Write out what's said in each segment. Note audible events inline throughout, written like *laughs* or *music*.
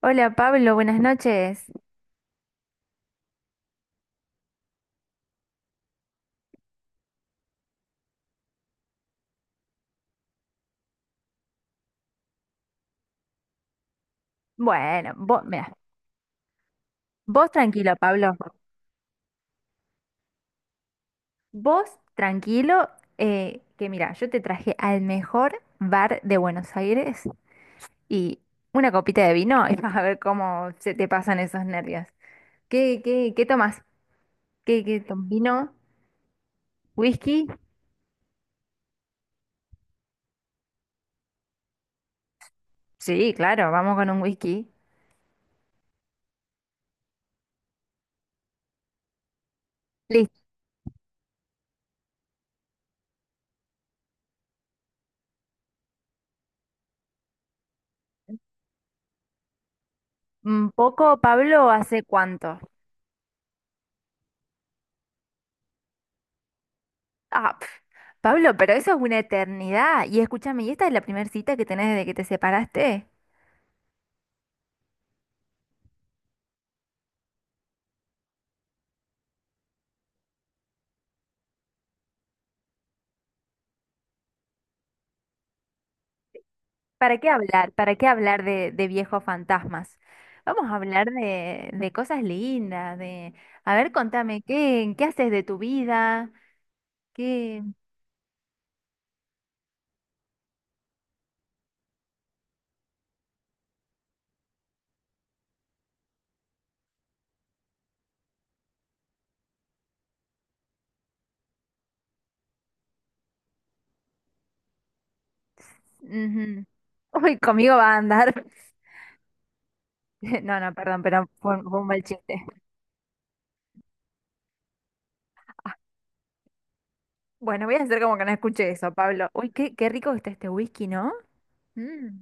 Hola Pablo, buenas noches. Bueno, vos, mira, vos tranquilo, Pablo. Vos tranquilo, que mira, yo te traje al mejor bar de Buenos Aires y una copita de vino y *laughs* vas a ver cómo se te pasan esos nervios. ¿ qué tomas? ¿Qué, qué tom- ¿vino? ¿Whisky? Sí, claro, vamos con un whisky. Listo. Un poco, Pablo, ¿hace cuánto? Ah, pf, Pablo, pero eso es una eternidad. Y escúchame, ¿y esta es la primera cita que tenés desde que te separaste? ¿Para qué hablar? ¿Para qué hablar de, viejos fantasmas? Vamos a hablar de, cosas lindas, de... A ver, contame, ¿qué haces de tu vida? ¿Qué...? Ujú. *laughs* Uy, conmigo va a andar. *laughs* No, no, perdón, pero fue un mal chiste. Bueno, voy a hacer como que no escuché eso, Pablo. Uy, qué, qué rico que está este whisky, ¿no? Mm,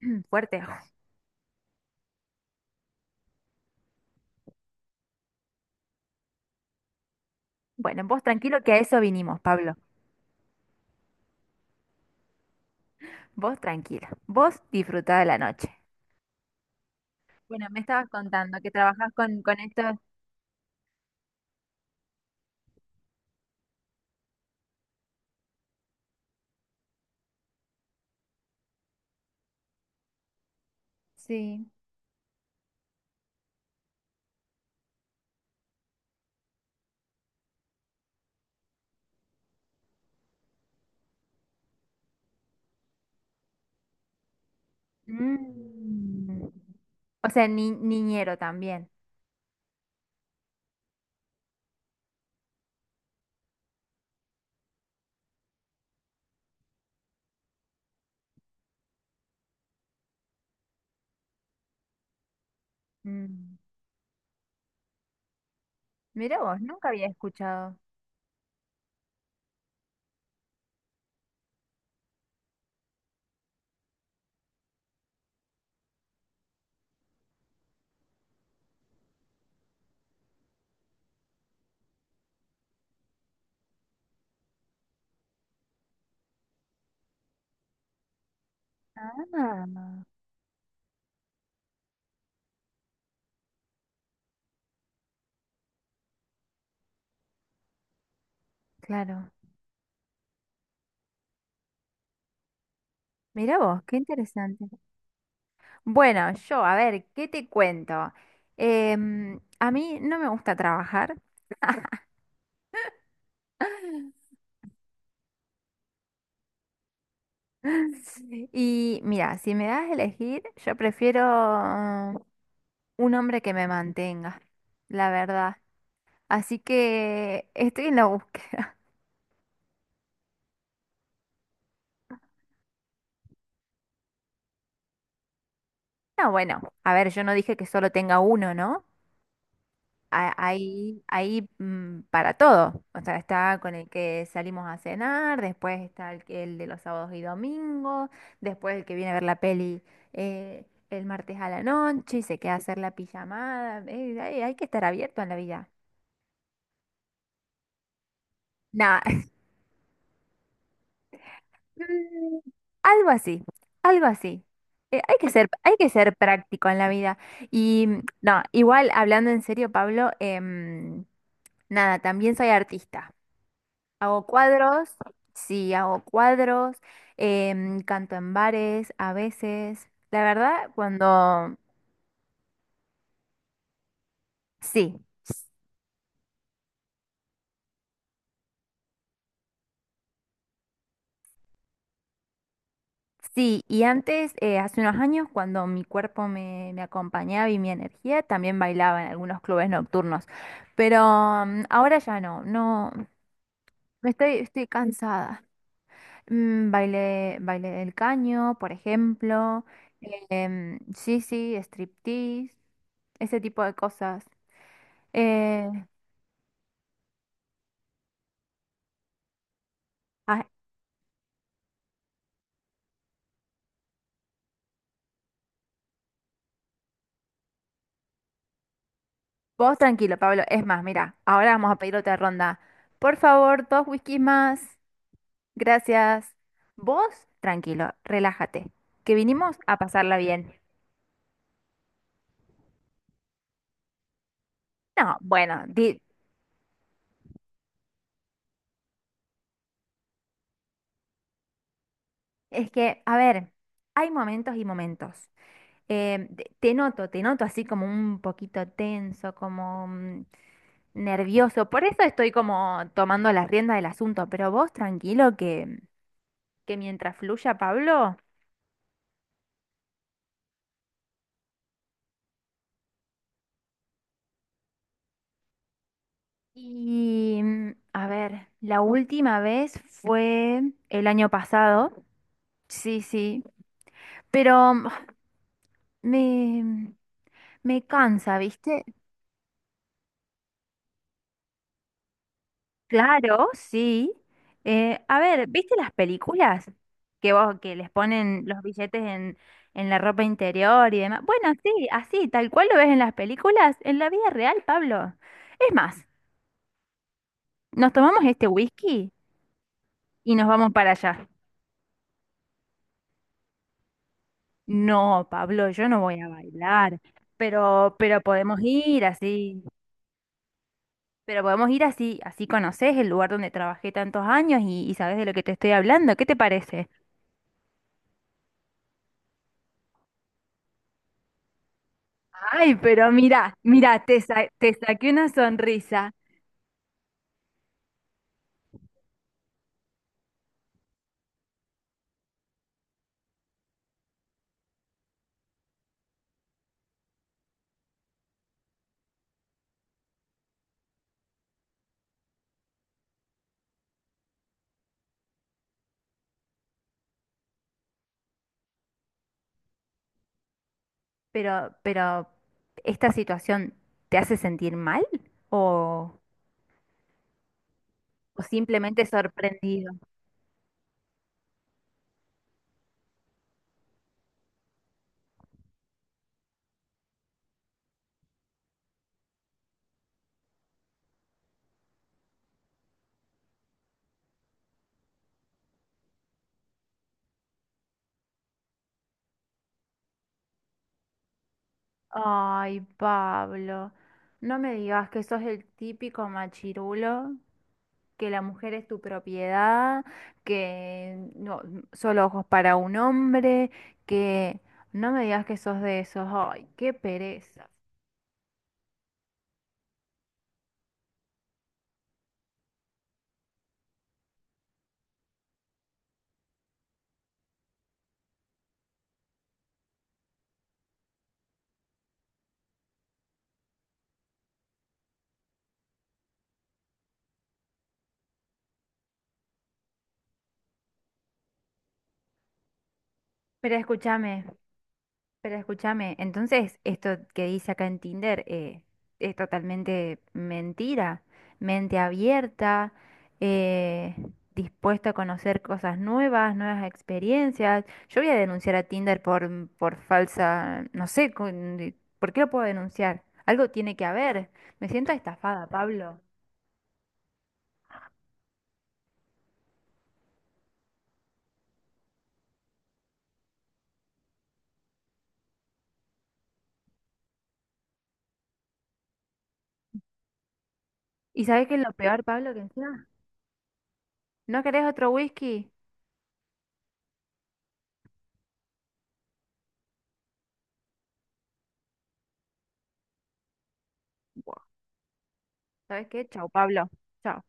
*clears throat* fuerte. Bueno, vos tranquilo que a eso vinimos, Pablo. Vos tranquilo. Vos disfrutá de la noche. Bueno, me estabas contando que trabajas con, esto. Sí. Mm. O sea, ni- niñero también. Mm. Mira vos, nunca había escuchado. Ah, claro. Mira vos, qué interesante. Bueno, yo, a ver, ¿qué te cuento? Em, a mí no me gusta trabajar. *laughs* Y mira, si me das a elegir, yo prefiero mm, un hombre que me mantenga, la verdad. Así que estoy en la búsqueda. No, bueno, a ver, yo no dije que solo tenga uno, ¿no? Ha- Hay para todo. O sea, está con el que salimos a cenar, después está el, que- el de los sábados y domingos, después el que viene a ver la peli eh, el martes a la noche y se queda a hacer la pijamada. Hay que estar abierto en la vida. Nada, *laughs* Mm, algo así, algo así. Hay que ser práctico en la vida. Y no, igual hablando en serio, Pablo, em, nada, también soy artista. Hago cuadros, sí, hago cuadros, em, canto en bares a veces. La verdad, cuando... Sí, sí. Y antes, hace unos años, cuando mi cuerpo me, me acompañaba y mi energía, también bailaba en algunos clubes nocturnos. Pero ahora ya no, no, me estoy, estoy cansada. Mm, baile, baile del caño, por ejemplo. Em, sí, sí, striptease, ese tipo de cosas. Eh, ah, vos tranquilo, Pablo. Es más, mira, ahora vamos a pedir otra ronda. Por favor, dos whiskies más. Gracias. Vos, tranquilo, relájate, que vinimos a pasarla bien. No, bueno, di- es que, a ver, hay momentos y momentos. Em, te noto, te noto así como un poquito tenso, como... nervioso. Por eso estoy como tomando las riendas del asunto, pero vos tranquilo que mientras fluya, Pablo. Y a ver, la última vez fue el año pasado. Sí, sí, pero me, me cansa, ¿viste? Claro, sí. A ver, ¿viste las películas que vos que les ponen los billetes en la ropa interior y demás? Bueno, sí, así, tal cual lo ves en las películas, en la vida real, Pablo. Es más, nos tomamos este whisky y nos vamos para allá. No, Pablo, yo no voy a bailar, pero podemos ir así, pero podemos ir así, así conoces el lugar donde trabajé tantos años y sabes de lo que te estoy hablando. ¿Qué te parece? Ay, pero mira, mira, te, sa- te saqué una sonrisa, pero ¿esta situación te hace sentir mal o, o simplemente sorprendido? Ay, Pablo, no me digas que sos el típico machirulo, que la mujer es tu propiedad, que no, solo ojos para un hombre, que no me digas que sos de esos. Ay, qué pereza. Pero escúchame. Pero escúchame, entonces esto que dice acá en Tinder es totalmente mentira. Mente abierta, eh, dispuesta a conocer cosas nuevas, nuevas experiencias. Yo voy a denunciar a Tinder por, por falsa, no sé, con- ¿por qué lo puedo denunciar? Algo tiene que haber. Me siento estafada, Pablo. ¿Y sabes qué es lo peor, Pablo, que encima? ¿No querés otro whisky? Buah, ¿sabes qué? Chau, Pablo. Chau.